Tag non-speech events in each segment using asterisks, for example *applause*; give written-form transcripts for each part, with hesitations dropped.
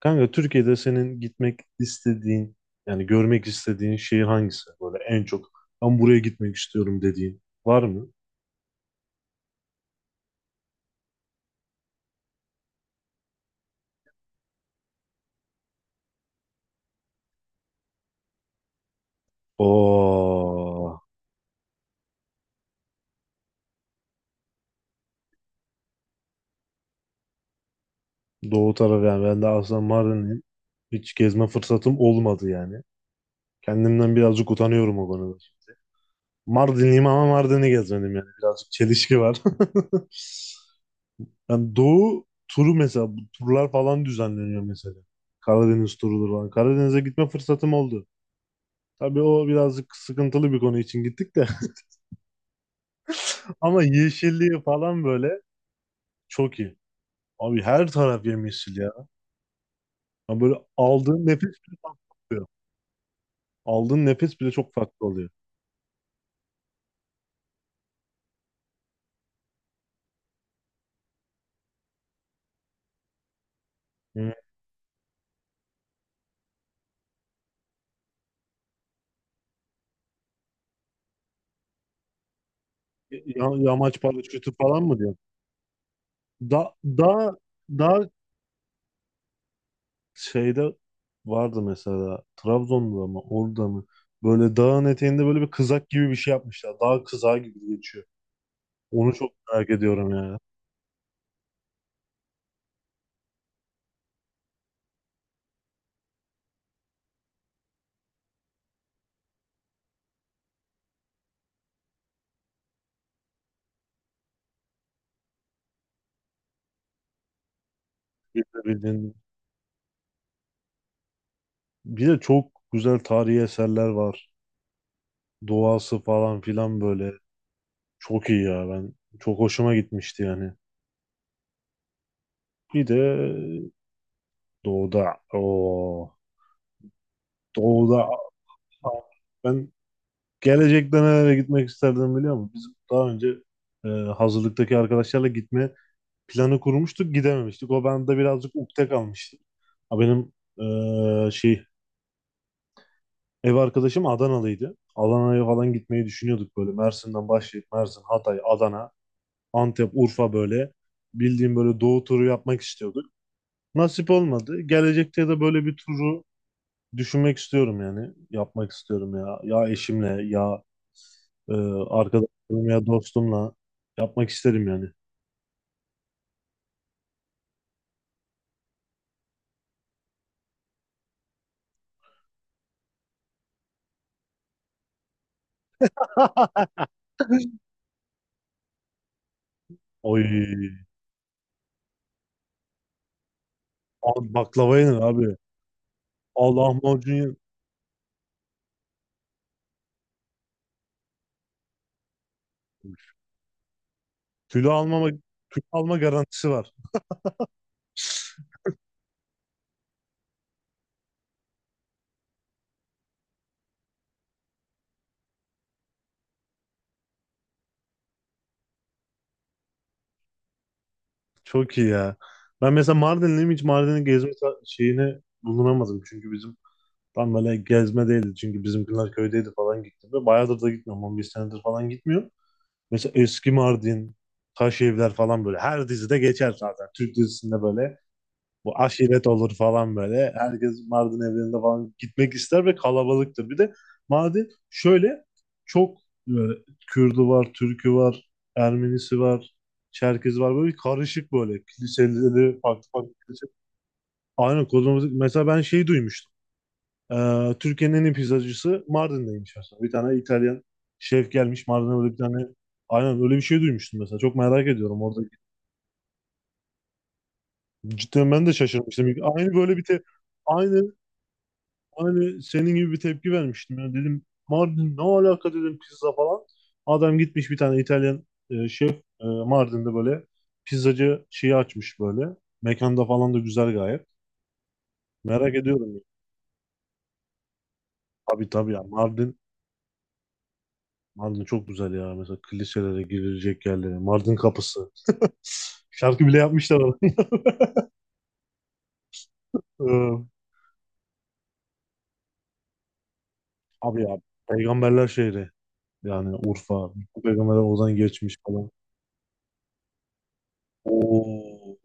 Kanka Türkiye'de senin gitmek istediğin görmek istediğin şehir hangisi? Böyle en çok ben buraya gitmek istiyorum dediğin var mı? Oo, Doğu tarafı, yani ben de aslında Mardin'im. Hiç gezme fırsatım olmadı yani. Kendimden birazcık utanıyorum o konuda. Mardinliyim ama Mardin'i gezmedim yani. Birazcık çelişki var. *laughs* Yani Doğu turu, mesela bu turlar falan düzenleniyor mesela. Karadeniz turudur falan. Karadeniz'e gitme fırsatım oldu. Tabii o birazcık sıkıntılı bir konu için gittik de. *laughs* Ama yeşilliği falan böyle çok iyi. Abi her taraf yemyeşil ya. Ya böyle aldığın nefes bile farklı oluyor. Aldığın nefes bile çok farklı oluyor. Hı. Ya, yamaç paraşütü falan mı diyor? Da, daha, daha şeyde vardı mesela, Trabzon'da mı, orada mı? Böyle dağın eteğinde böyle bir kızak gibi bir şey yapmışlar. Dağ kızağı gibi geçiyor. Onu çok merak ediyorum ya. Bildiğin bir de çok güzel tarihi eserler var. Doğası falan filan böyle. Çok iyi ya ben. Çok hoşuma gitmişti yani. Bir de doğuda. O doğuda. Ben gelecekte nereye gitmek isterdim biliyor musun? Biz daha önce hazırlıktaki arkadaşlarla gitme planı kurmuştuk. Gidememiştik. O bende birazcık ukde kalmıştı. Ha, benim e, şey ev arkadaşım Adanalıydı. Adana'ya falan gitmeyi düşünüyorduk böyle. Mersin'den başlayıp Mersin, Hatay, Adana. Antep, Urfa böyle. Bildiğim böyle doğu turu yapmak istiyorduk. Nasip olmadı. Gelecekte de böyle bir turu düşünmek istiyorum yani. Yapmak istiyorum ya. Ya eşimle ya e, arkadaşlarım ya dostumla yapmak isterim yani. Oy. Abi baklava yenir abi. Allah lahmacun yenir. Kilo almama, kilo alma garantisi var. Çok iyi ya. Ben mesela Mardinliyim, hiç Mardin'in gezme şeyine bulunamadım. Çünkü bizim tam böyle gezme değildi, çünkü bizimkiler köydeydi falan, gittim. Ve bayağıdır da gitmiyorum. 11 senedir falan gitmiyorum. Mesela eski Mardin, Taş Evler falan böyle. Her dizide geçer zaten. Türk dizisinde böyle bu aşiret olur falan böyle. Herkes Mardin evlerinde falan gitmek ister ve kalabalıktır. Bir de Mardin şöyle çok böyle Kürdü var, Türkü var, Ermenisi var, Çerkezi var. Böyle bir karışık böyle. Kiliseleri, farklı farklı kilise. Aynen, kozmopolit. Mesela ben şeyi duymuştum. Türkiye'nin en iyi pizzacısı Mardin'deymiş mesela. Bir tane İtalyan şef gelmiş Mardin'e, böyle bir tane, aynen öyle bir şey duymuştum mesela. Çok merak ediyorum orada. Cidden ben de şaşırmıştım. Aynı böyle bir te aynı aynı senin gibi bir tepki vermiştim. Yani dedim Mardin ne alaka dedim, pizza falan. Adam gitmiş, bir tane İtalyan şef, Mardin'de böyle pizzacı şeyi açmış böyle. Mekanda falan da güzel gayet. Merak ediyorum. Tabii tabii ya, Mardin çok güzel ya. Mesela kiliselere girilecek yerleri. Mardin kapısı. Şarkı bile yapmışlar orada. *laughs* Ee, Abi ya, peygamberler şehri. Yani Urfa, bütün peygamberler oradan geçmiş falan. Oo.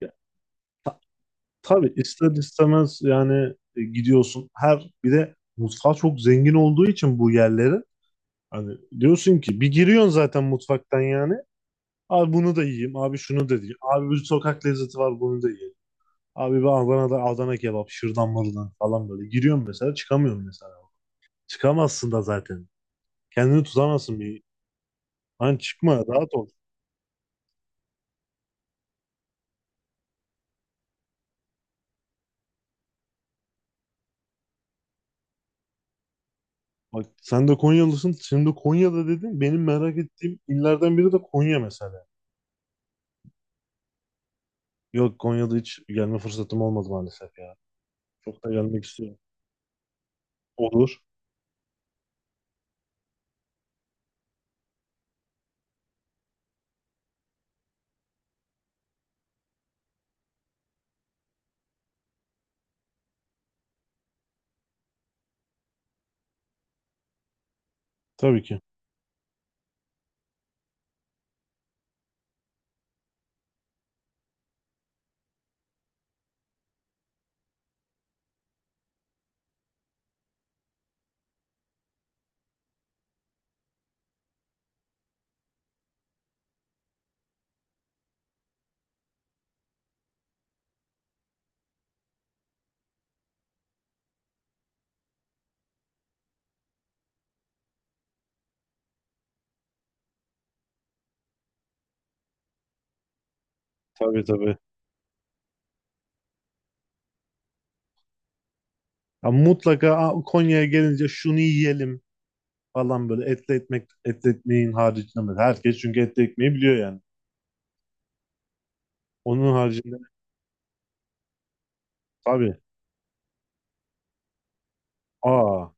Ya, tabii ister istemez yani gidiyorsun. Her, bir de mutfağı çok zengin olduğu için bu yerlerin. Hani diyorsun ki, bir giriyorsun zaten mutfaktan yani. Abi bunu da yiyeyim. Abi şunu da yiyeyim. Abi bir sokak lezzeti var, bunu da yiyeyim. Abi ben Adana'da Adana kebap, şırdan mırdan falan böyle. Giriyorum mesela, çıkamıyorum mesela. Çıkamazsın da zaten. Kendini tutamazsın bir. Lan çıkma, rahat ol. Bak, sen de Konyalısın. Şimdi Konya'da dedin. Benim merak ettiğim illerden biri de Konya mesela. Yok, Konya'da hiç gelme fırsatım olmadı maalesef ya. Çok da gelmek istiyorum. Olur. Tabii ki. Tabii tabii. Ya mutlaka, "Aa, Konya'ya gelince şunu yiyelim" falan böyle, etli ekmek, etli ekmeğin haricinde. Herkes çünkü etli ekmeği biliyor yani. Onun haricinde tabii. Aa,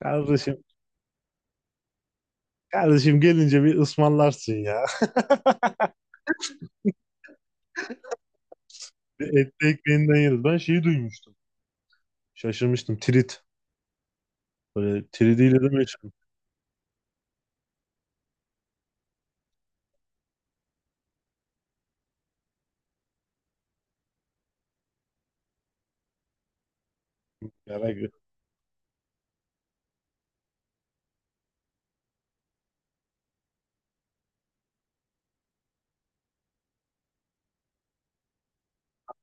kardeşim, kardeşim gelince bir ısmarlarsın ya. *laughs* Bir etli ekmeğinden yeriz. Ben şeyi duymuştum. Şaşırmıştım. Trit. Böyle tridiyle de meşhur. Yani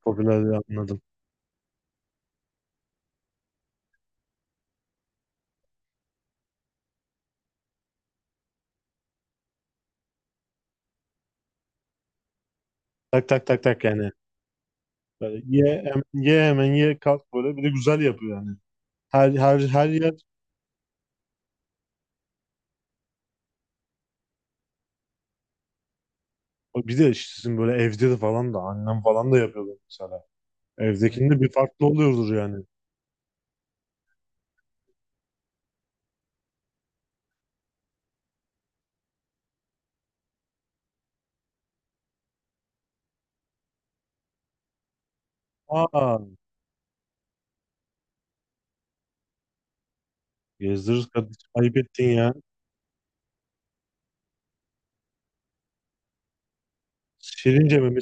popüler diye anladım. Tak tak tak tak yani. Böyle ye, hemen ye, kalk böyle. Bir de güzel yapıyor yani. Her yer. Bir de işte sizin böyle evde de falan da annem falan da yapıyordu mesela. Evdekinde bir farklı oluyordur yani. Aa, gezdiririz kardeşim. Ayıp ettin ya. Şirince mi?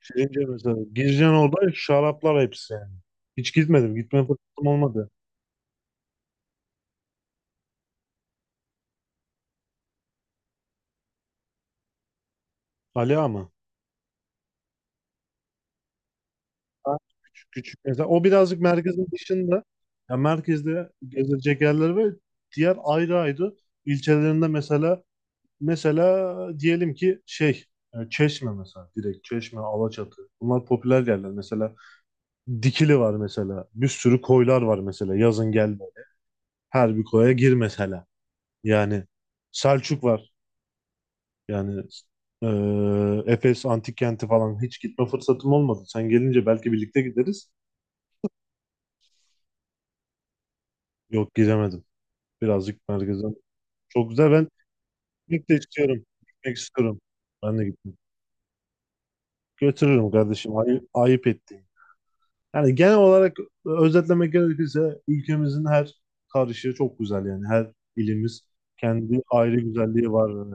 Şeyince mesela gireceğin, orada şaraplar hepsi yani. Hiç gitmedim. Gitme fırsatım olmadı. Aliağa mı? Ha, küçük küçük mesela. O birazcık merkezin dışında. Ya merkezde gezilecek yerler ve diğer ayrı ayrı ilçelerinde mesela, diyelim ki şey, Çeşme mesela, direkt Çeşme, Alaçatı. Bunlar popüler yerler. Mesela Dikili var mesela. Bir sürü koylar var mesela. Yazın gelme. Her bir koya gir mesela. Yani Selçuk var. Yani Efes Antik Kenti falan hiç gitme fırsatım olmadı. Sen gelince belki birlikte gideriz. Yok, gidemedim. Birazcık merkezden. Çok güzel. Ben gitmek de istiyorum. Gitmek istiyorum. Ben de gittim. Götürürüm kardeşim. Ay, ayıp ettiğim. Yani genel olarak özetlemek gerekirse, ülkemizin her karışı çok güzel yani. Her ilimiz kendi ayrı güzelliği var yani.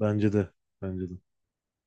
Bence de. Bence de.